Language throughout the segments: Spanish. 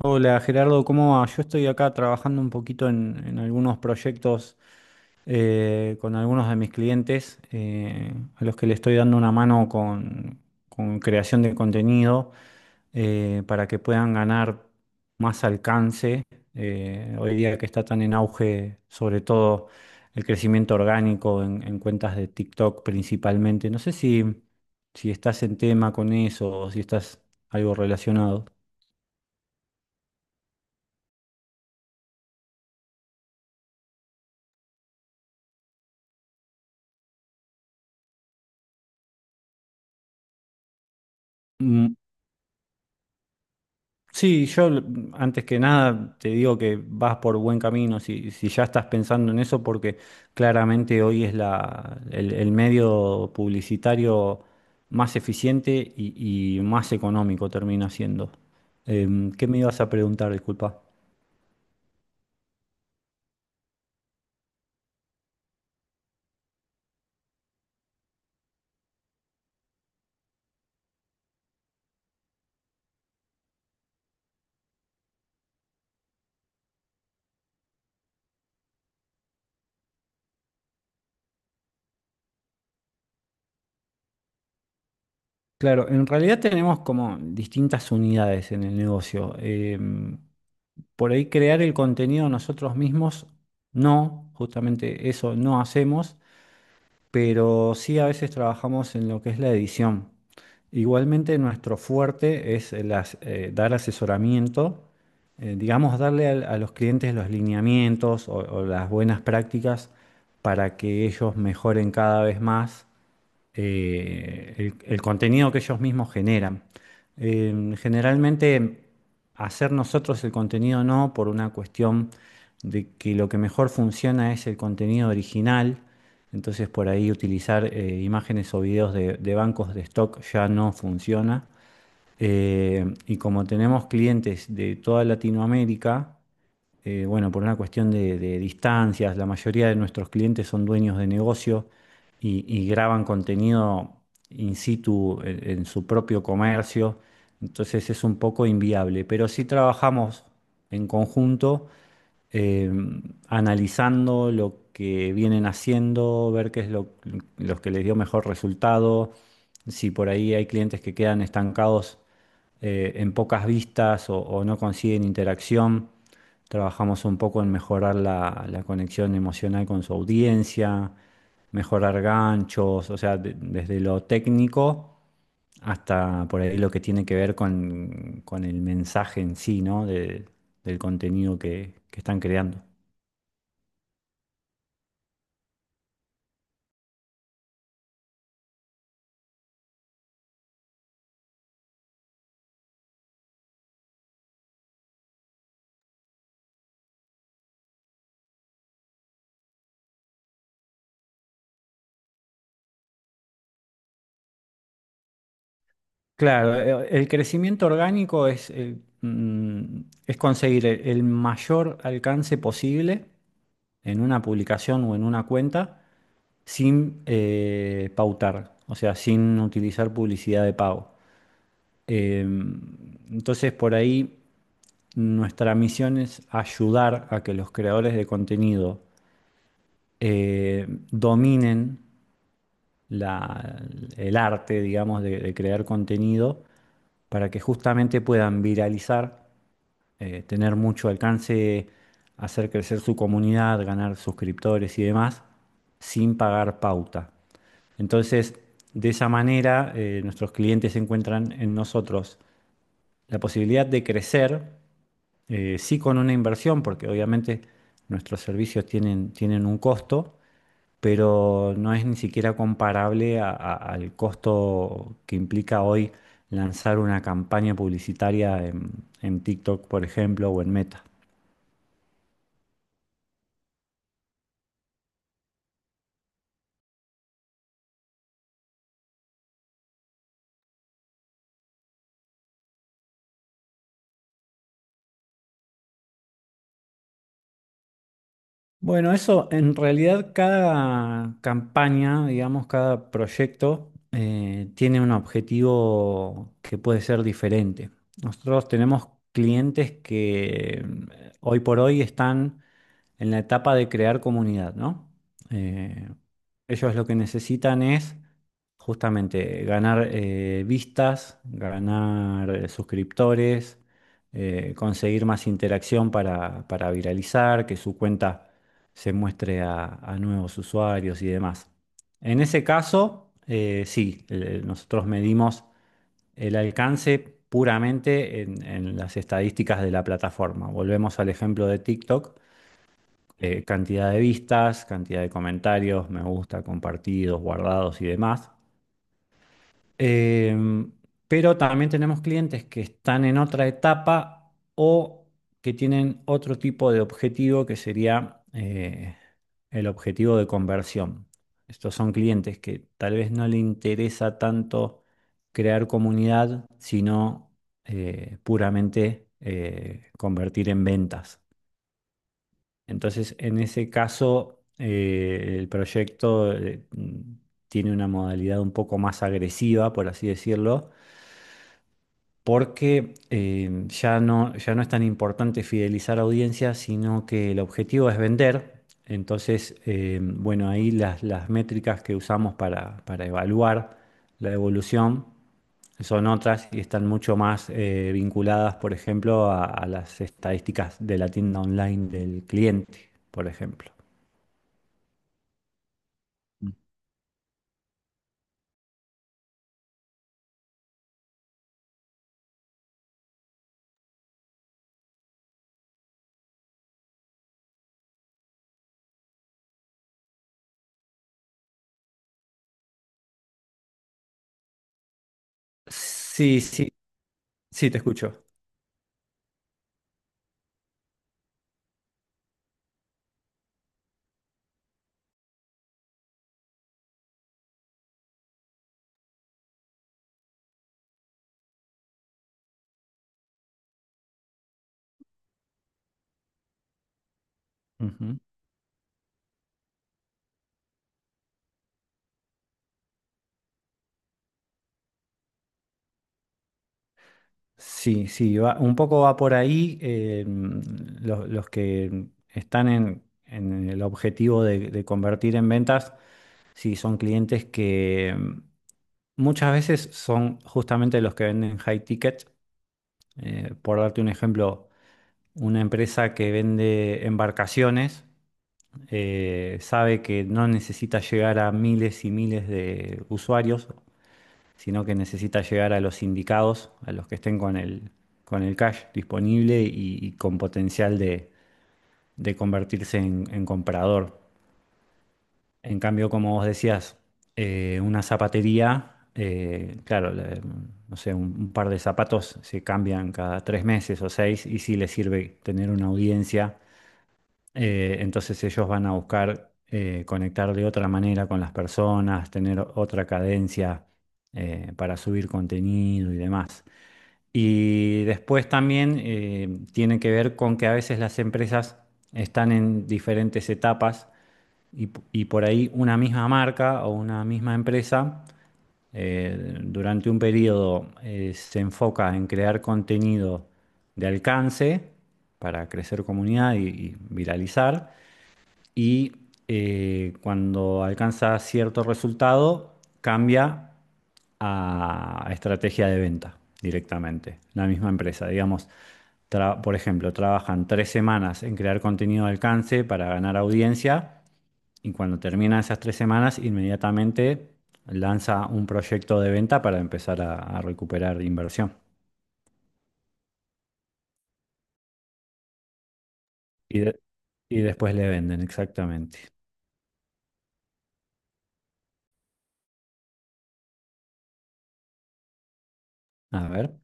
Hola Gerardo, ¿cómo va? Yo estoy acá trabajando un poquito en algunos proyectos con algunos de mis clientes a los que le estoy dando una mano con creación de contenido para que puedan ganar más alcance. Hoy día que está tan en auge, sobre todo el crecimiento orgánico en cuentas de TikTok principalmente. No sé si estás en tema con eso o si estás algo relacionado. Mm. Sí, antes que nada te digo que vas por buen camino si ya estás pensando en eso, porque claramente hoy es el medio publicitario más eficiente y más económico termina siendo. ¿Qué me ibas a preguntar? Disculpa. Claro, en realidad tenemos como distintas unidades en el negocio. Por ahí crear el contenido nosotros mismos, no, justamente eso no hacemos, pero sí a veces trabajamos en lo que es la edición. Igualmente nuestro fuerte es dar asesoramiento, digamos, darle a los clientes los lineamientos o las buenas prácticas para que ellos mejoren cada vez más el contenido que ellos mismos generan. Generalmente hacer nosotros el contenido no, por una cuestión de que lo que mejor funciona es el contenido original. Entonces por ahí utilizar imágenes o videos de bancos de stock ya no funciona. Y como tenemos clientes de toda Latinoamérica, bueno, por una cuestión de distancias, la mayoría de nuestros clientes son dueños de negocio y graban contenido in situ en su propio comercio, entonces es un poco inviable, pero sí trabajamos en conjunto eh, analizando lo que vienen haciendo, ver los que les dio mejor resultado, si por ahí hay clientes que quedan estancados en pocas vistas o no consiguen interacción. Trabajamos un poco en mejorar la conexión emocional con su audiencia, mejorar ganchos, o sea, desde lo técnico hasta por ahí lo que tiene que ver con el mensaje en sí, ¿no? Del contenido que están creando. Claro, el crecimiento orgánico es, mm, es conseguir el mayor alcance posible en una publicación o en una cuenta sin pautar, o sea, sin utilizar publicidad de pago. Eh, entonces, por ahí nuestra misión es ayudar a que los creadores de contenido dominen la- el arte, digamos, de crear contenido para que justamente puedan viralizar, tener mucho alcance, hacer crecer su comunidad, ganar suscriptores y demás, sin pagar pauta. Entonces, de esa manera, nuestros clientes encuentran en nosotros la posibilidad de crecer, sí con una inversión, porque obviamente nuestros servicios tienen un costo, pero no es ni siquiera comparable al costo que implica hoy lanzar una campaña publicitaria en TikTok, por ejemplo, o en Meta. Bueno, eso en realidad cada campaña, digamos, cada proyecto tiene un objetivo que puede ser diferente. Nosotros tenemos clientes que mm, hoy por hoy están en la etapa de crear comunidad, ¿no? Eh, ellos lo que necesitan es justamente ganar vistas, ganar suscriptores, conseguir más interacción para viralizar, que su cuenta se muestre a nuevos usuarios y demás. En ese caso, sí, nosotros medimos el alcance puramente en las estadísticas de la plataforma. Volvemos al ejemplo de TikTok cantidad de vistas, cantidad de comentarios, me gusta, compartidos, guardados y demás. Em, pero también tenemos clientes que están en otra etapa o que tienen otro tipo de objetivo que sería el objetivo de conversión. Estos son clientes que tal vez no le interesa tanto crear comunidad, sino puramente convertir en ventas. Entonces, en ese caso, el proyecto mm, tiene una modalidad un poco más agresiva, por así decirlo, porque ya no es tan importante fidelizar audiencias, sino que el objetivo es vender. Entonces, bueno, ahí las métricas que usamos para evaluar la evolución son otras y están mucho más vinculadas, por ejemplo, a las estadísticas de la tienda online del cliente, por ejemplo. Sí, sí, sí, te escucho. Ujú. Sí, sí, un poco va por ahí. Eh, los que están en el objetivo de convertir en ventas, sí, son clientes que mm, muchas veces son justamente los que venden high ticket. Por darte un ejemplo, una empresa que vende embarcaciones sabe que no necesita llegar a miles y miles de usuarios sino que necesita llegar a los sindicados, a los que estén con el cash disponible y con potencial de convertirse en comprador. En cambio, como vos decías, una zapatería, claro, no sé, un par de zapatos se cambian cada 3 meses o seis y sí les sirve tener una audiencia. Entonces ellos van a buscar conectar de otra manera con las personas, tener otra cadencia para subir contenido y demás. Y después también tiene que ver con que a veces las empresas están en diferentes etapas y por ahí una misma marca o una misma empresa durante un periodo se enfoca en crear contenido de alcance para crecer comunidad y viralizar y cuando alcanza cierto resultado cambia a estrategia de venta directamente, la misma empresa. Digamos, por ejemplo, trabajan 3 semanas en crear contenido de alcance para ganar audiencia y cuando terminan esas 3 semanas, inmediatamente lanza un proyecto de venta para empezar a recuperar inversión. Y, de- y después le venden, exactamente. A ver.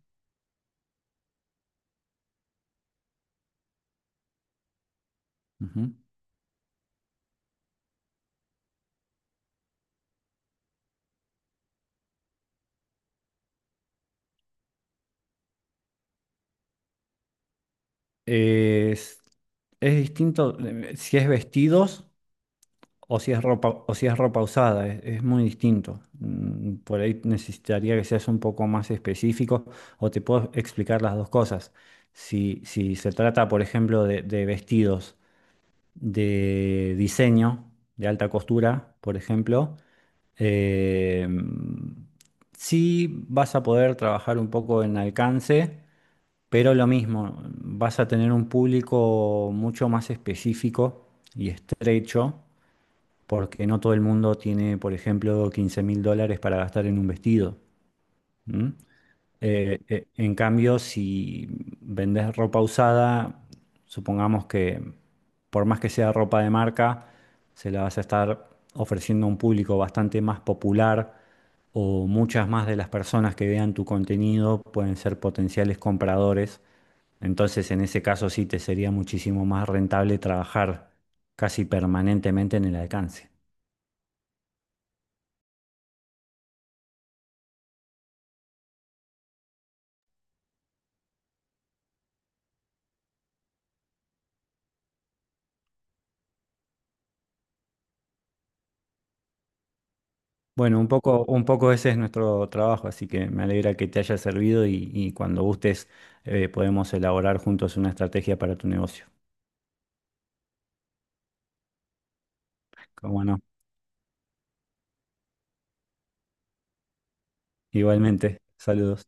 Ujú. Es, es distinto si es vestidos o si es ropa, o si es ropa usada, es muy distinto. Mm. Por ahí necesitaría que seas un poco más específico o te puedo explicar las dos cosas. Si, si se trata, por ejemplo, de vestidos de diseño, de alta costura, por ejemplo, eh, sí vas a poder trabajar un poco en alcance, pero lo mismo, vas a tener un público mucho más específico y estrecho porque no todo el mundo tiene, por ejemplo, 15.000 dólares para gastar en un vestido. ¿M? En cambio, si vendes ropa usada, supongamos que por más que sea ropa de marca, se la vas a estar ofreciendo a un público bastante más popular o muchas más de las personas que vean tu contenido pueden ser potenciales compradores. Entonces, en ese caso sí te sería muchísimo más rentable trabajar casi permanentemente en el alcance. Bueno, un poco ese es nuestro trabajo, así que me alegra que te haya servido y cuando gustes podemos elaborar juntos una estrategia para tu negocio. Como no, igualmente, saludos.